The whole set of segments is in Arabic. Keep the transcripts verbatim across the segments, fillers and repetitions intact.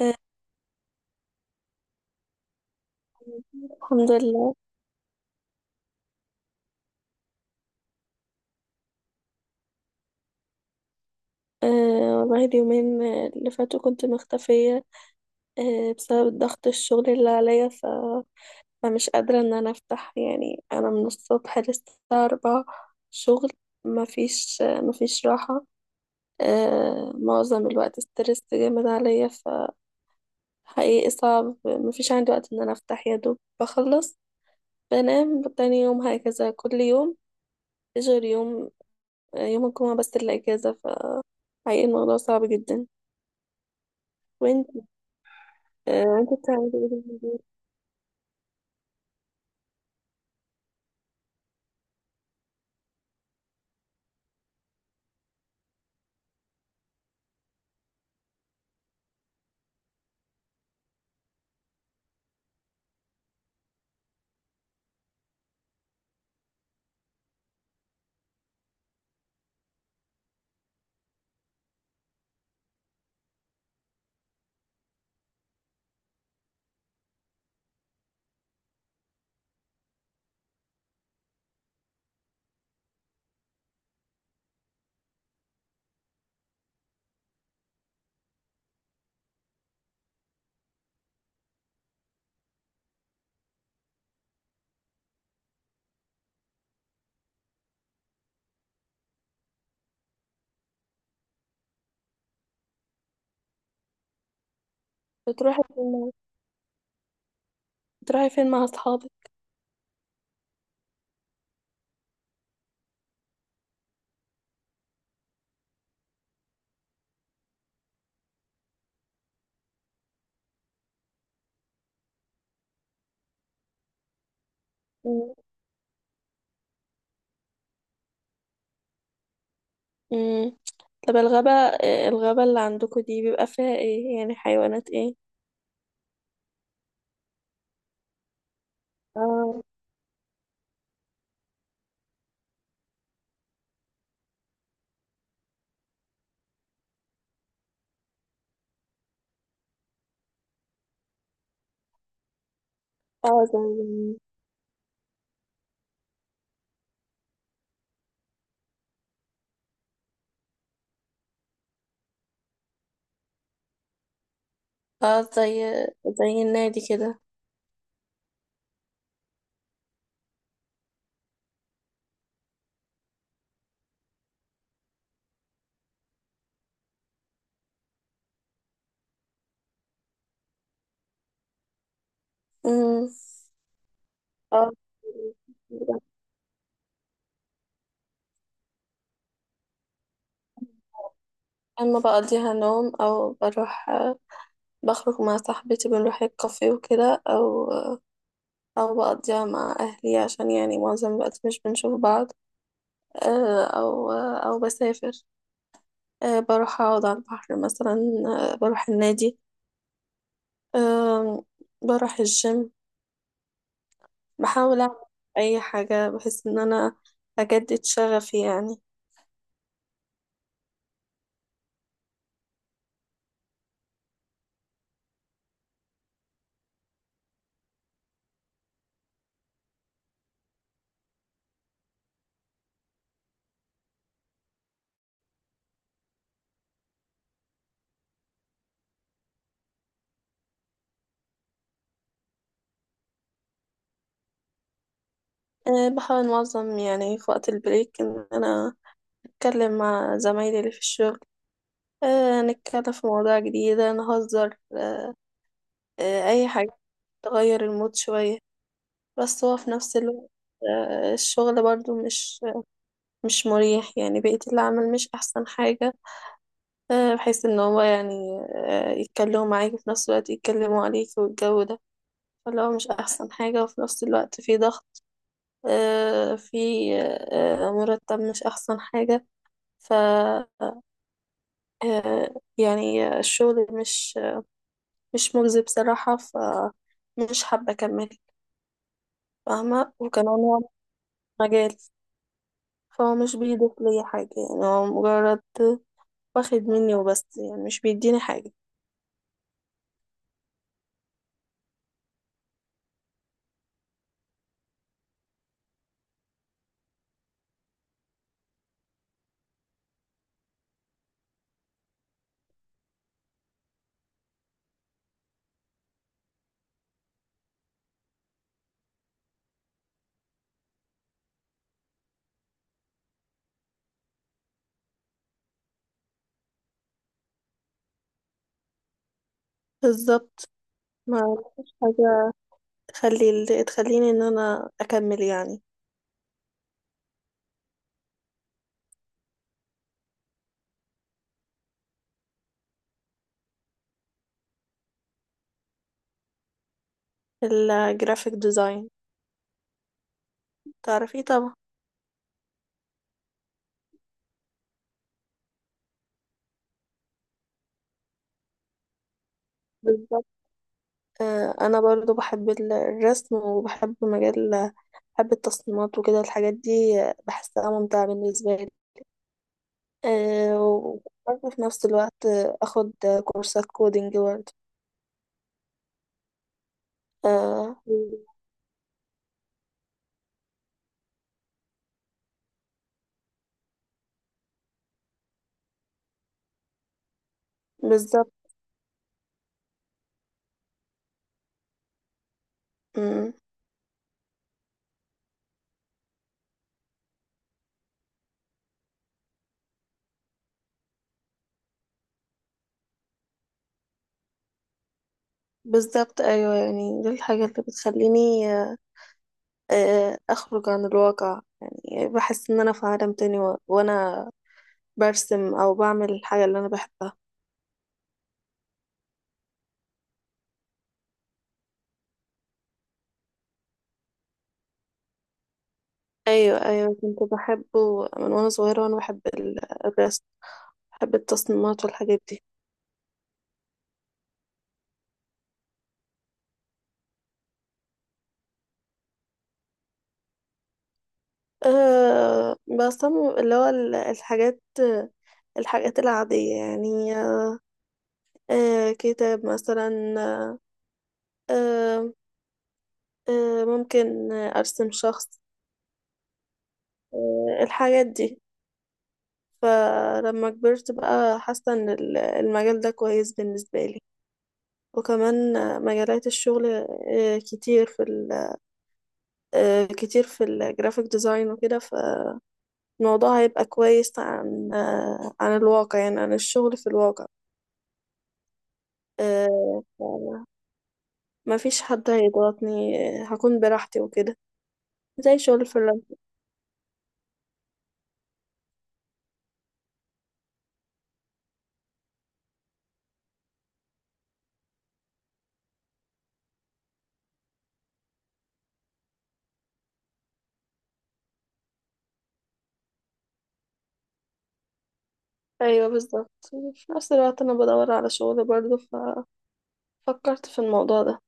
آه، الحمد لله. أه والله اليومين آه، اللي فاتوا كنت مختفية، أه بسبب ضغط الشغل اللي عليا، ف... فمش قادرة ان انا افتح، يعني انا من الصبح للساعة أربعة شغل. مفيش آه، مفيش راحة. أه معظم الوقت ستريس جامد عليا، فحقيقي صعب، مفيش عندي وقت ان انا افتح، يا دوب بخلص بنام تاني يوم، هكذا كل يوم غير يوم آه، يوم الجمعة بس اللي اجازة. فحقيقي الموضوع صعب جدا. وانت آه، انت بتعملي ايه في الهدوء؟ بتروحي فين مع بتروحي فين مع اصحابك؟ مم. مم. طب الغابة، آه، الغابة اللي عندكم دي بيبقى فيها ايه؟ يعني حيوانات ايه؟ اه. اه. زي اه زي زي النادي كده. مم. اه، اما بقضيها نوم او بروح، آه، بخرج مع صاحبتي، بنروح الكافيه وكده، او آه، او بقضيها مع اهلي عشان يعني معظم الوقت مش بنشوف بعض. آه، او آه، او بسافر. أه بروح أقعد على البحر مثلا. أه بروح النادي. أه بروح الجيم. بحاول أعمل أي حاجة بحيث إن أنا أجدد شغفي يعني. أه بحاول أنظم يعني في وقت البريك إن أنا أتكلم مع زمايلي اللي في الشغل، أه نتكلم في مواضيع جديدة، نهزر، أه أه أي حاجة تغير المود شوية. بس هو في نفس الوقت أه الشغل برضو مش مش مريح، يعني بقيت العمل مش أحسن حاجة. آه، بحيث ان هو يعني آه، يتكلموا معاك وفي نفس الوقت يتكلموا عليك، والجو ده فاللي هو مش احسن حاجة. وفي نفس الوقت في ضغط، آه، في آه، مرتب مش احسن حاجة. ف آه، يعني الشغل مش مش مجزي بصراحة، فمش حابة اكمل، فاهمة؟ وكمان هو مش مجالي، فهو مش بيضيف لي حاجة، يعني هو مجرد واخد مني وبس، يعني مش بيديني حاجة. بالظبط. ما فيش حاجة تخلي ال- تخليني ان انا اكمل يعني. الجرافيك ديزاين، تعرفيه طبعا. بالظبط. آه، انا برضو بحب ال- الرسم، وبحب مجال بحب التصميمات وكده، الحاجات دي آه، بحسها ممتعة بالنسبة لي. آه، وبرضو في نفس الوقت آه، اخد كورسات كودينج برضو. آه، بالظبط. مم. بالظبط. ايوه، يعني دي الحاجة اللي بتخليني، آه، آه، اخرج عن الواقع، يعني بحس ان انا في عالم تاني، و- وانا برسم او بعمل الحاجه اللي انا بحبها. ايوه، ايوه، كنت بحبه من وانا صغيره، وانا بحب ال- الرسم، بحب التصميمات والحاجات دي. أه بصمم اللي هو ال- الحاجات الحاجات العاديه يعني. أه كتاب مثلا. أه أه ممكن ارسم شخص. أه الحاجات دي. فلما كبرت بقى حاسه ان ال- المجال ده كويس بالنسبه لي. وكمان مجالات الشغل آه، كتير في آه، كتير في الجرافيك ديزاين وكده. فالموضوع هيبقى كويس عن آه، عن الواقع، يعني عن الشغل في الواقع. آه، ف- ما فيش حد هيضغطني، آه، هكون براحتي وكده، زي شغل الفريلانس. ايوه، بالظبط. في نفس الوقت انا بدور على شغل برضه، ففكرت في الموضوع ده.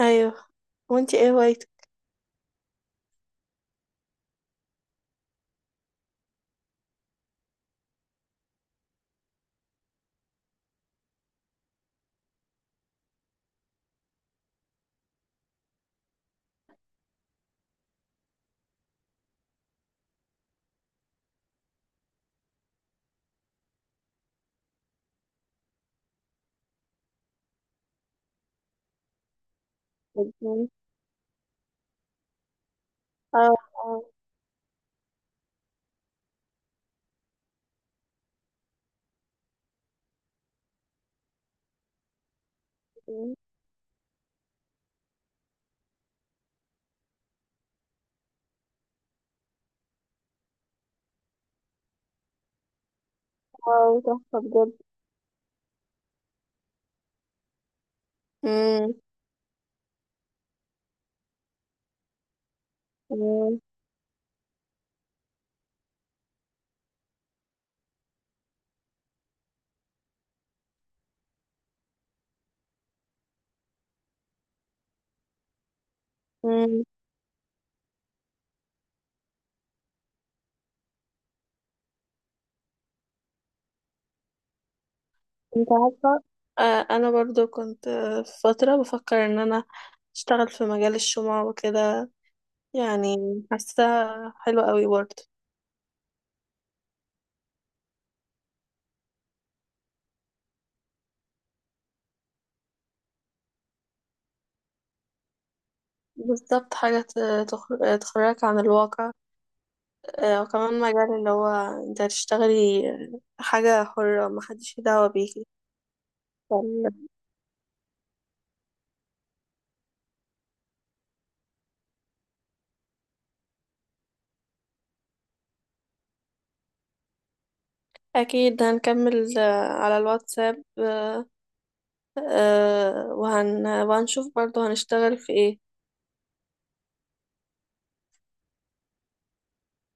ايوه. وانتي ايه هوايتك؟ اه. اه. واو، تحفة بجد. مم. مم. انت عارفة، آه، انا برضو كنت آه، في فترة بفكر ان انا اشتغل في مجال الشمع وكده يعني. حاسة حلوة قوي برضو. بالظبط، حاجة ت- تخر- تخرجك عن الواقع. آه، وكمان مجال اللي هو انت هتشتغلي حاجة حرة، محدش ليه دعوة بيكي. فال- أكيد هنكمل آه، على الواتساب، آه، آه، وهن وهنشوف برضو هنشتغل في ايه.